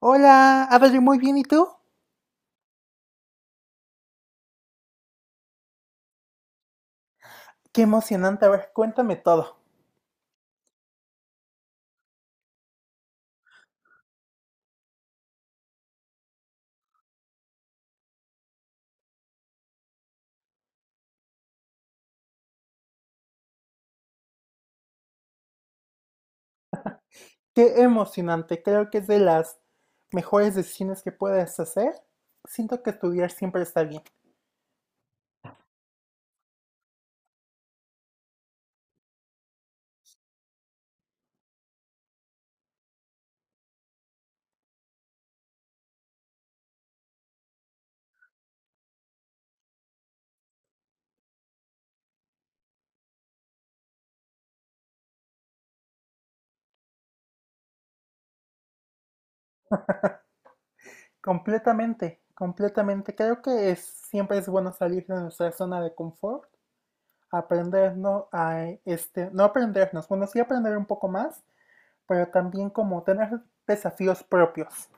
Hola, Adri, muy bien, ¿y tú? Qué emocionante, a ver, cuéntame todo. Qué emocionante, creo que es de las mejores decisiones que puedes hacer. Siento que estudiar siempre está bien. Completamente, completamente. Creo que es, siempre es bueno salir de nuestra zona de confort, aprendernos a, no aprendernos, bueno, sí aprender un poco más, pero también como tener desafíos propios.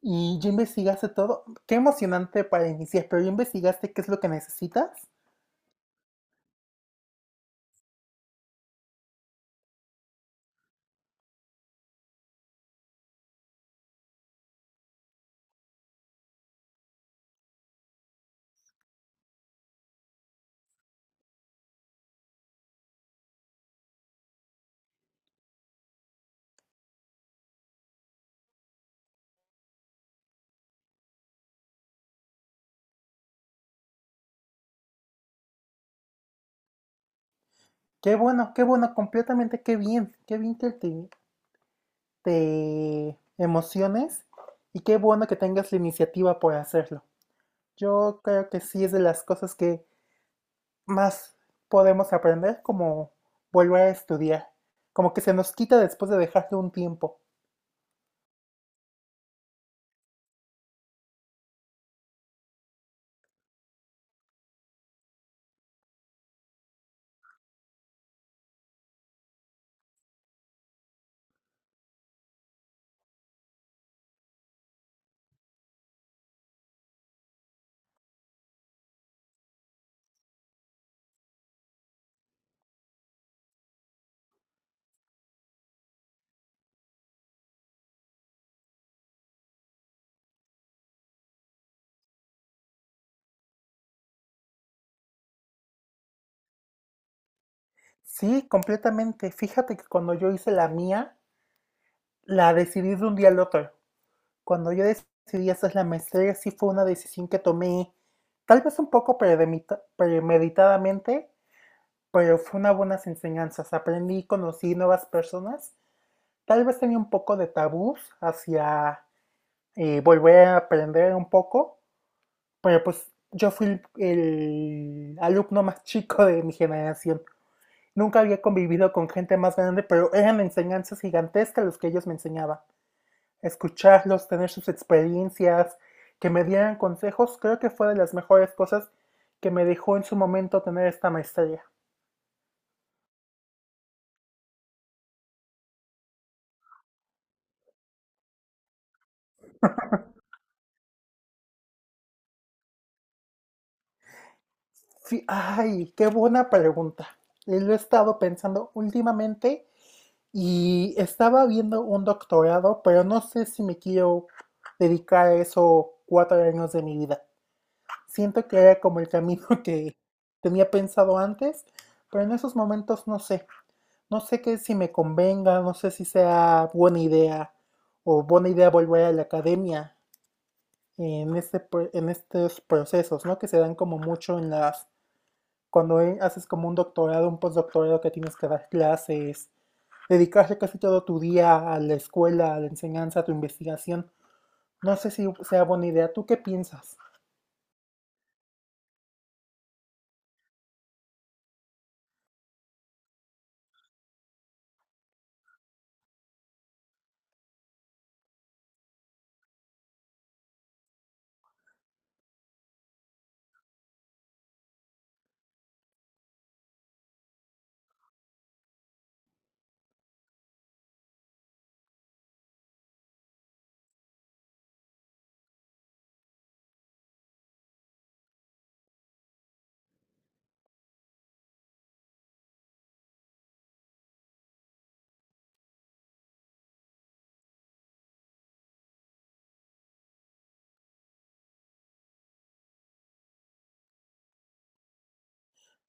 Y ya investigaste todo. Qué emocionante para iniciar, pero ya investigaste qué es lo que necesitas. Qué bueno, completamente, qué bien, qué bien que te emociones y qué bueno que tengas la iniciativa por hacerlo. Yo creo que sí es de las cosas que más podemos aprender, como volver a estudiar, como que se nos quita después de dejarlo un tiempo. Sí, completamente. Fíjate que cuando yo hice la mía, la decidí de un día al otro. Cuando yo decidí hacer la maestría, sí fue una decisión que tomé, tal vez un poco premeditadamente, pero fue una buenas enseñanzas. Aprendí, conocí nuevas personas. Tal vez tenía un poco de tabús hacia volver a aprender un poco, pero pues yo fui el alumno más chico de mi generación. Nunca había convivido con gente más grande, pero eran enseñanzas gigantescas los que ellos me enseñaban. Escucharlos, tener sus experiencias, que me dieran consejos, creo que fue de las mejores cosas que me dejó en su momento tener esta maestría. Sí, ay, qué buena pregunta. Lo he estado pensando últimamente y estaba viendo un doctorado, pero no sé si me quiero dedicar a eso cuatro años de mi vida. Siento que era como el camino que tenía pensado antes, pero en esos momentos no sé. No sé qué si me convenga, no sé si sea buena idea o buena idea volver a la academia en en estos procesos, ¿no? Que se dan como mucho en las cuando haces como un doctorado, un postdoctorado que tienes que dar clases, dedicarse casi todo tu día a la escuela, a la enseñanza, a tu investigación. No sé si sea buena idea. ¿Tú qué piensas?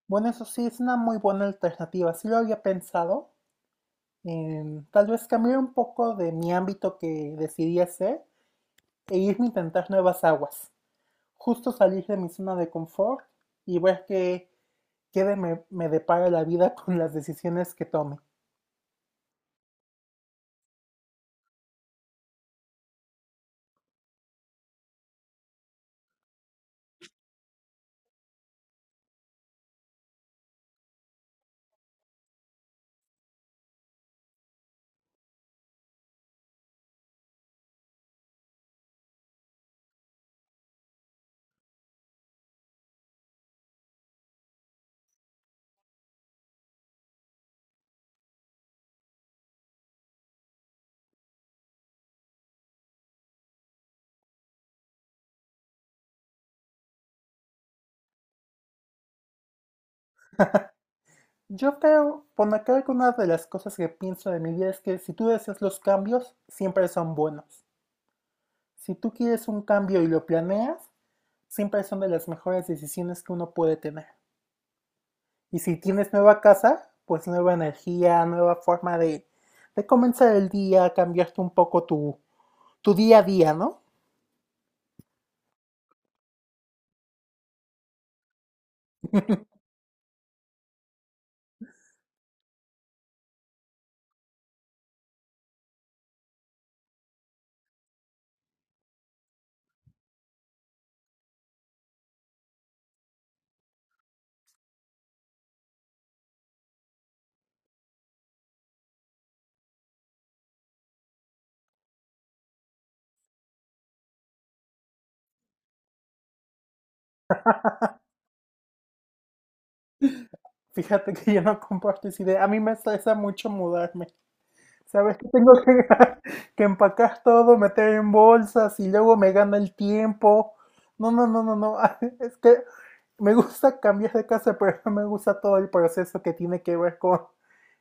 Bueno, eso sí, es una muy buena alternativa. Sí lo había pensado. Tal vez cambiar un poco de mi ámbito que decidí hacer e irme a intentar nuevas aguas. Justo salir de mi zona de confort y ver qué, me depara la vida con las decisiones que tome. Yo creo, por lo que algunas de las cosas que pienso de mi vida es que si tú deseas los cambios, siempre son buenos. Si tú quieres un cambio y lo planeas, siempre son de las mejores decisiones que uno puede tener. Y si tienes nueva casa, pues nueva energía, nueva forma de comenzar el día, cambiarte un poco tu día a día, ¿no? Fíjate que yo no comparto esa idea. A mí me estresa mucho mudarme. ¿Sabes que que empacar todo, meter en bolsas y luego me gana el tiempo? No, no, no, no, no. Es que me gusta cambiar de casa, pero no me gusta todo el proceso que tiene que ver con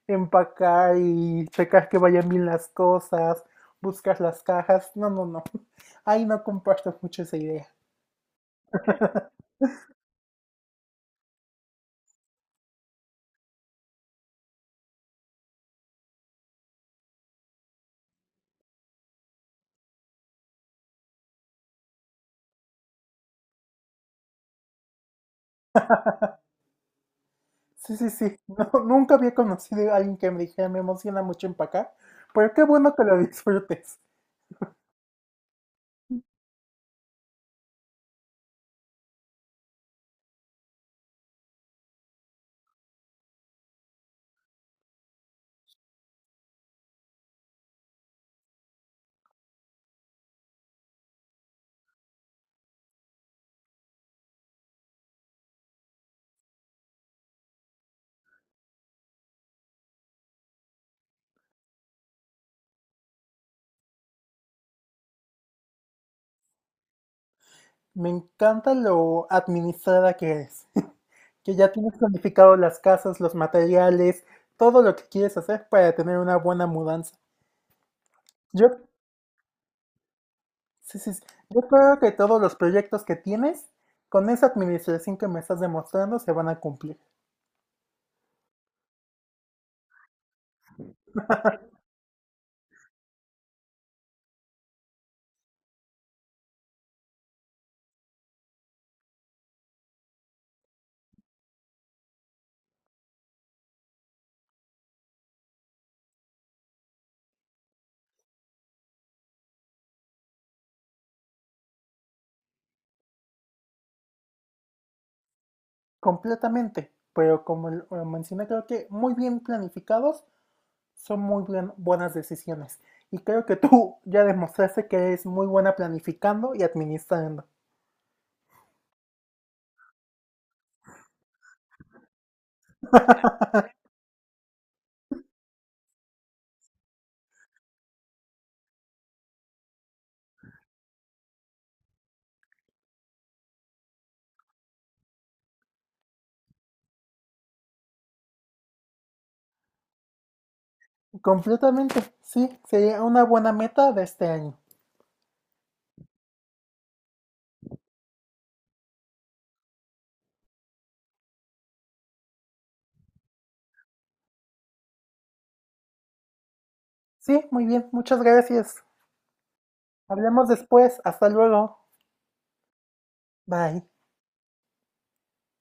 empacar y checar que vayan bien las cosas, buscar las cajas. No, no, no. Ahí no comparto mucho esa idea. Sí, sí, sí. No, nunca había conocido a alguien que me dijera, me emociona mucho empacar, pero qué bueno que lo disfrutes. Me encanta lo administrada que eres, que ya tienes planificado las casas, los materiales, todo lo que quieres hacer para tener una buena mudanza. Yo, sí, sí, sí, yo creo que todos los proyectos que tienes, con esa administración que me estás demostrando, se van a cumplir completamente. Pero como lo mencioné, creo que muy bien planificados son buenas decisiones. Y creo que tú ya demostraste que eres muy buena planificando y administrando. Completamente, sí, sería una buena meta de este año. Sí, muy bien, muchas gracias. Hablemos después. Hasta luego. Bye.